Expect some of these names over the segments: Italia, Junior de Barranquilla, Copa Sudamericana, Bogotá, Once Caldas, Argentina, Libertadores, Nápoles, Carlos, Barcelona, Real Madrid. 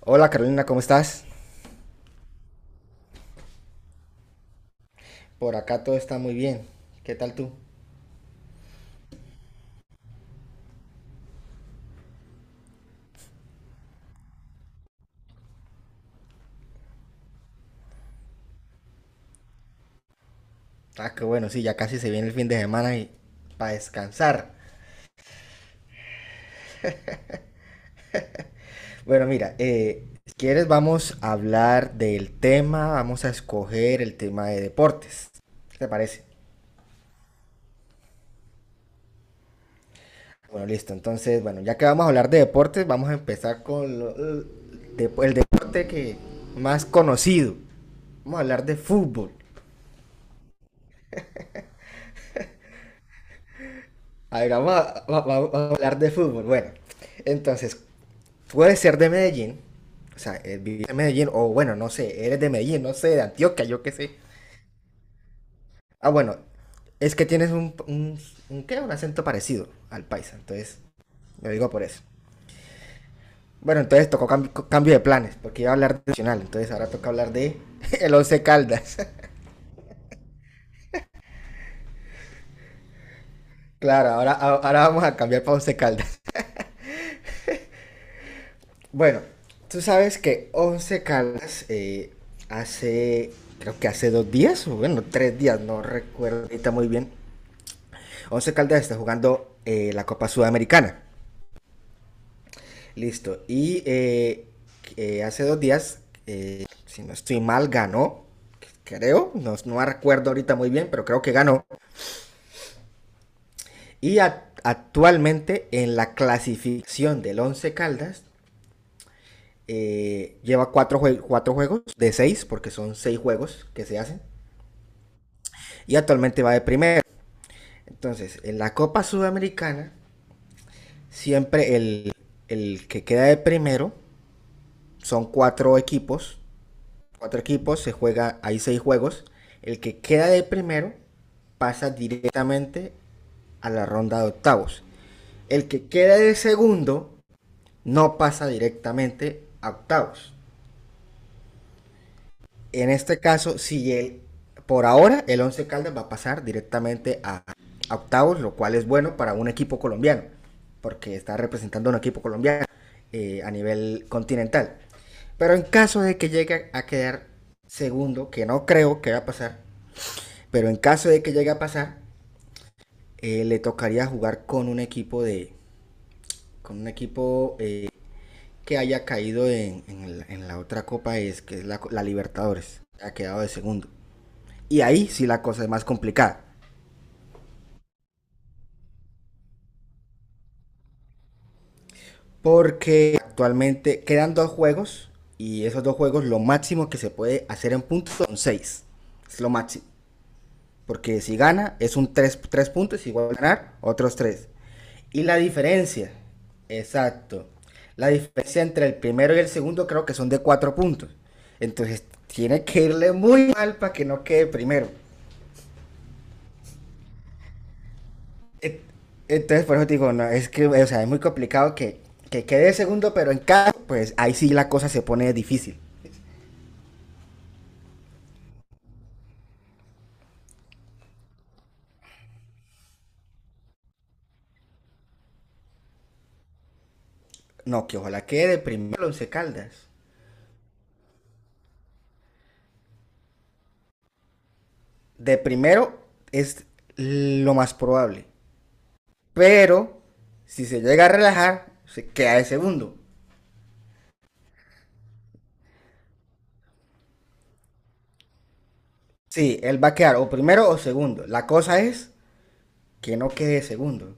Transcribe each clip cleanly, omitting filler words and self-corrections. Hola Carolina, ¿cómo estás? Por acá todo está muy bien. ¿Qué tal tú? Ah, qué bueno, sí, ya casi se viene el fin de semana y para descansar. Bueno, mira, si quieres vamos a hablar del tema, vamos a escoger el tema de deportes. ¿Qué te parece? Bueno, listo. Entonces, bueno, ya que vamos a hablar de deportes, vamos a empezar con el el deporte que más conocido. Vamos a hablar de fútbol. A ver, vamos a, vamos a hablar de fútbol. Bueno, entonces, puede ser de Medellín, o sea, vivir en Medellín, o bueno, no sé, eres de Medellín, no sé, de Antioquia, yo qué sé. Ah, bueno, es que tienes un ¿qué? Un acento parecido al paisa, entonces, lo digo por eso. Bueno, entonces tocó cambio de planes, porque iba a hablar de Nacional, entonces ahora toca hablar de el Once Caldas. Claro, ahora, ahora vamos a cambiar para Once Caldas. Bueno, tú sabes que Once Caldas hace, creo que hace dos días, o bueno, tres días, no recuerdo ahorita muy bien, Once Caldas está jugando la Copa Sudamericana. Listo. Y hace dos días, si no estoy mal, ganó. Creo, no, no recuerdo ahorita muy bien, pero creo que ganó. Y actualmente en la clasificación del Once Caldas lleva cuatro, jue cuatro, juegos de seis, porque son seis juegos que se hacen, y actualmente va de primero. Entonces, en la Copa Sudamericana, siempre el que queda de primero son cuatro equipos. Cuatro equipos, se juega, hay seis juegos. El que queda de primero pasa directamente a la ronda de octavos. El que queda de segundo no pasa directamente a octavos. En este caso, si el, por ahora el Once Caldas va a pasar directamente a octavos, lo cual es bueno para un equipo colombiano, porque está representando a un equipo colombiano a nivel continental. Pero en caso de que llegue a quedar segundo, que no creo que va a pasar, pero en caso de que llegue a pasar, le tocaría jugar con un equipo de con un equipo que haya caído en la otra copa es que es la Libertadores ha quedado de segundo. Y ahí sí la cosa es más complicada. Porque actualmente quedan dos juegos. Y esos dos juegos, lo máximo que se puede hacer en puntos son seis. Es lo máximo. Porque si gana, es un tres puntos. Igual a ganar, otros tres. Y la diferencia. Exacto. La diferencia entre el primero y el segundo creo que son de 4 puntos. Entonces tiene que irle muy mal para que no quede primero. Eh, Entonces, por eso te digo, no, es que, o sea, es muy complicado que quede segundo, pero en caso, pues ahí sí la cosa se pone difícil. No, que ojalá quede de primero Once Caldas. De primero es lo más probable. Pero si se llega a relajar, se queda de segundo. Sí, él va a quedar o primero o segundo. La cosa es que no quede de segundo.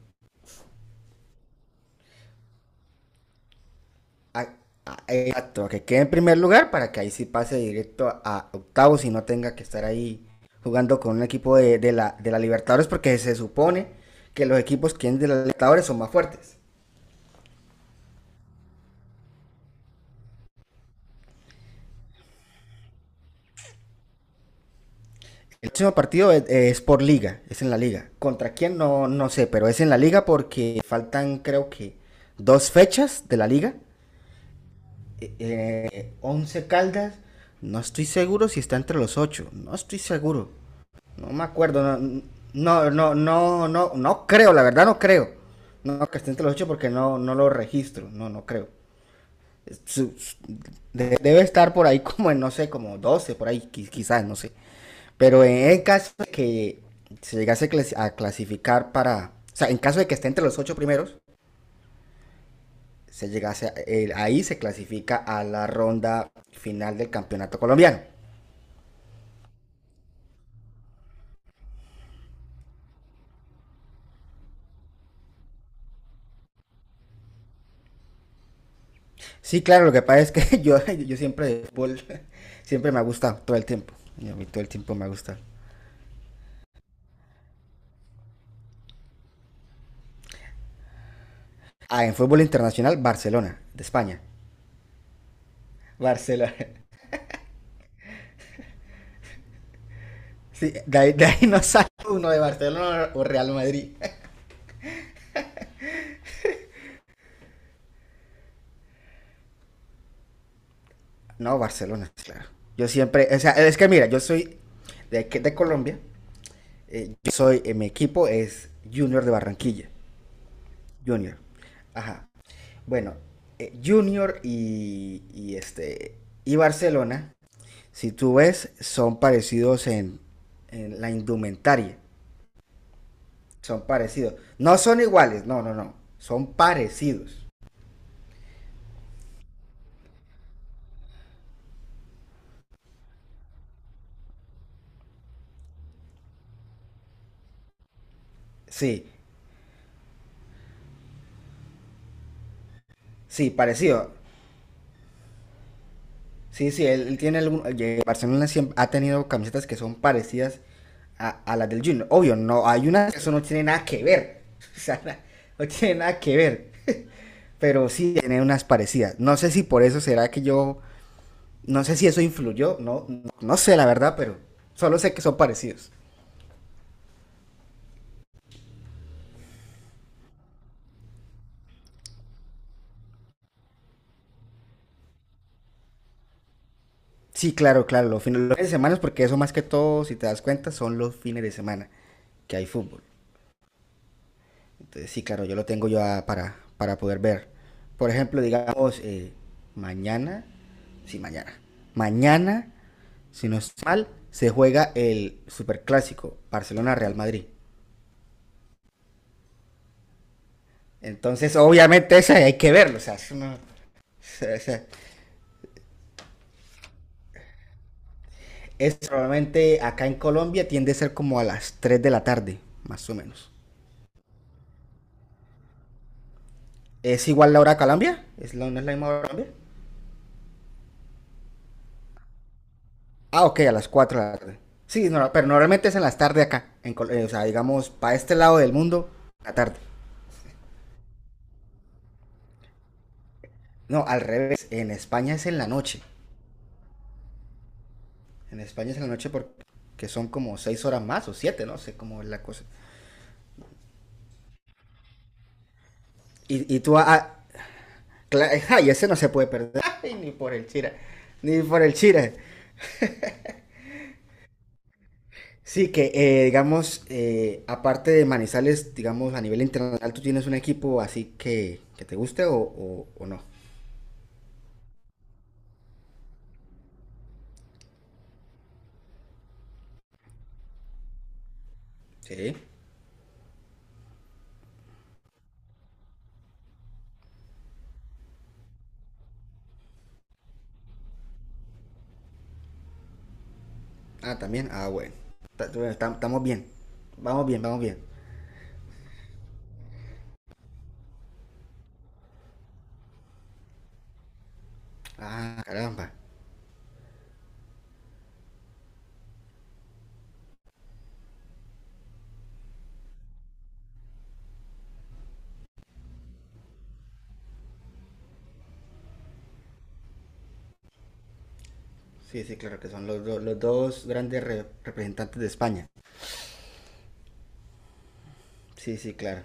a- Exacto, que quede en primer lugar para que ahí sí pase directo a octavos y no tenga que estar ahí jugando con un equipo de la Libertadores porque se supone que los equipos que vienen de la Libertadores son más fuertes. El próximo partido es por liga, es en la liga. ¿Contra quién? No, no sé, pero es en la liga porque faltan creo que dos fechas de la liga. 11 Caldas, no estoy seguro si está entre los ocho, no estoy seguro. No me acuerdo, no, creo, la verdad no creo. No, que esté entre los ocho porque no, no lo registro, no, no creo. su- su- Debe estar por ahí como en, no sé, como 12 por ahí, quizás, no sé. Pero en el caso de que se llegase a a clasificar para, o sea, en caso de que esté entre los ocho primeros, se llegase a- el- ahí se clasifica a la ronda final del campeonato colombiano. Sí, claro, lo que pasa es que yo siempre, de fútbol, siempre me ha gustado todo el tiempo. Y a mí todo el tiempo me ha gustado. Ah, en fútbol internacional, Barcelona, de España. Barcelona. Sí, de ahí no sale uno de Barcelona o Real Madrid. No, Barcelona, sí, claro. Yo siempre, o sea, es que mira, yo soy de, de Colombia. Yo soy, mi equipo es Junior de Barranquilla. Junior. Ajá. Bueno, Junior y este y Barcelona. Si tú ves, son parecidos en la indumentaria. Son parecidos. No son iguales, no, no, no. Son parecidos. Sí, sí, parecido. Sí, sí, él tiene algún. Oye, Barcelona siempre ha tenido camisetas que son parecidas a las del Junior. Obvio, no, hay unas que eso no tiene nada que ver. O sea, no tiene nada que ver. Pero sí tiene unas parecidas. No sé si por eso será que yo. No sé si eso influyó. No, no, no sé la verdad, pero solo sé que son parecidos. Sí, claro, claro, los fines de semana, porque eso más que todo, si te das cuenta, son los fines de semana que hay fútbol. Entonces, sí, claro, yo lo tengo yo para poder ver. Por ejemplo, digamos, mañana, sí, mañana, si no estoy mal, se juega el superclásico Barcelona-Real Madrid. Entonces, obviamente, ese hay que verlo, o sea, eso no- o sea, es probablemente acá en Colombia tiende a ser como a las 3 de la tarde, más o menos. ¿Es igual la hora Calambia? ¿Es la, ¿No es la misma hora Calambia? Ah, ok, a las 4 de la tarde. Sí, no, no, pero normalmente es en las tardes acá. En o sea, digamos, para este lado del mundo, la tarde. No, al revés. En España es en la noche. En España es en la noche porque son como 6 horas más o siete, no sé cómo es la cosa. Y tú. Ah, ah, ay, ese no se puede perder. Ay, ni por el chira. Ni por el chira. Sí, que digamos, aparte de Manizales, digamos, a nivel internacional, ¿tú tienes un equipo así que te guste o no? Sí. Ah, también. Ah, bueno. Estamos bien. Vamos bien, vamos bien. Ah, caramba. Sí, sí, claro, que son los dos grandes representantes de España. Sí, sí, claro.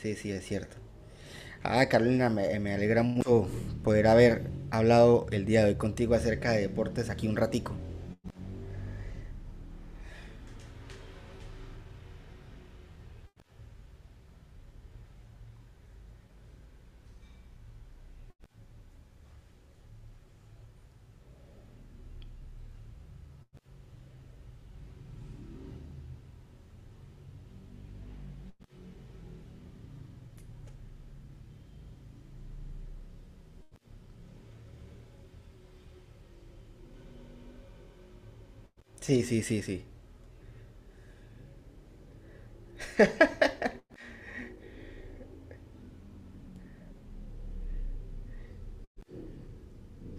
Sí, sí, es cierto. Ah, Carolina, me alegra mucho poder haber hablado el día de hoy contigo acerca de deportes aquí un ratico. Sí, sí, sí, sí.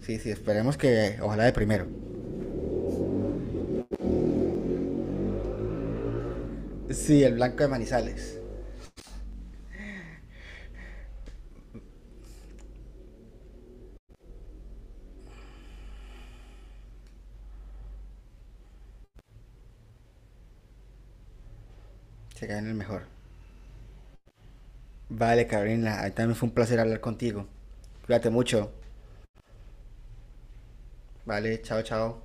Sí, sí, esperemos que. Ojalá de primero. Sí, el blanco de Manizales. Se cae en el mejor. Vale, Carolina, ahí también fue un placer hablar contigo. Cuídate mucho. Vale, chao, chao.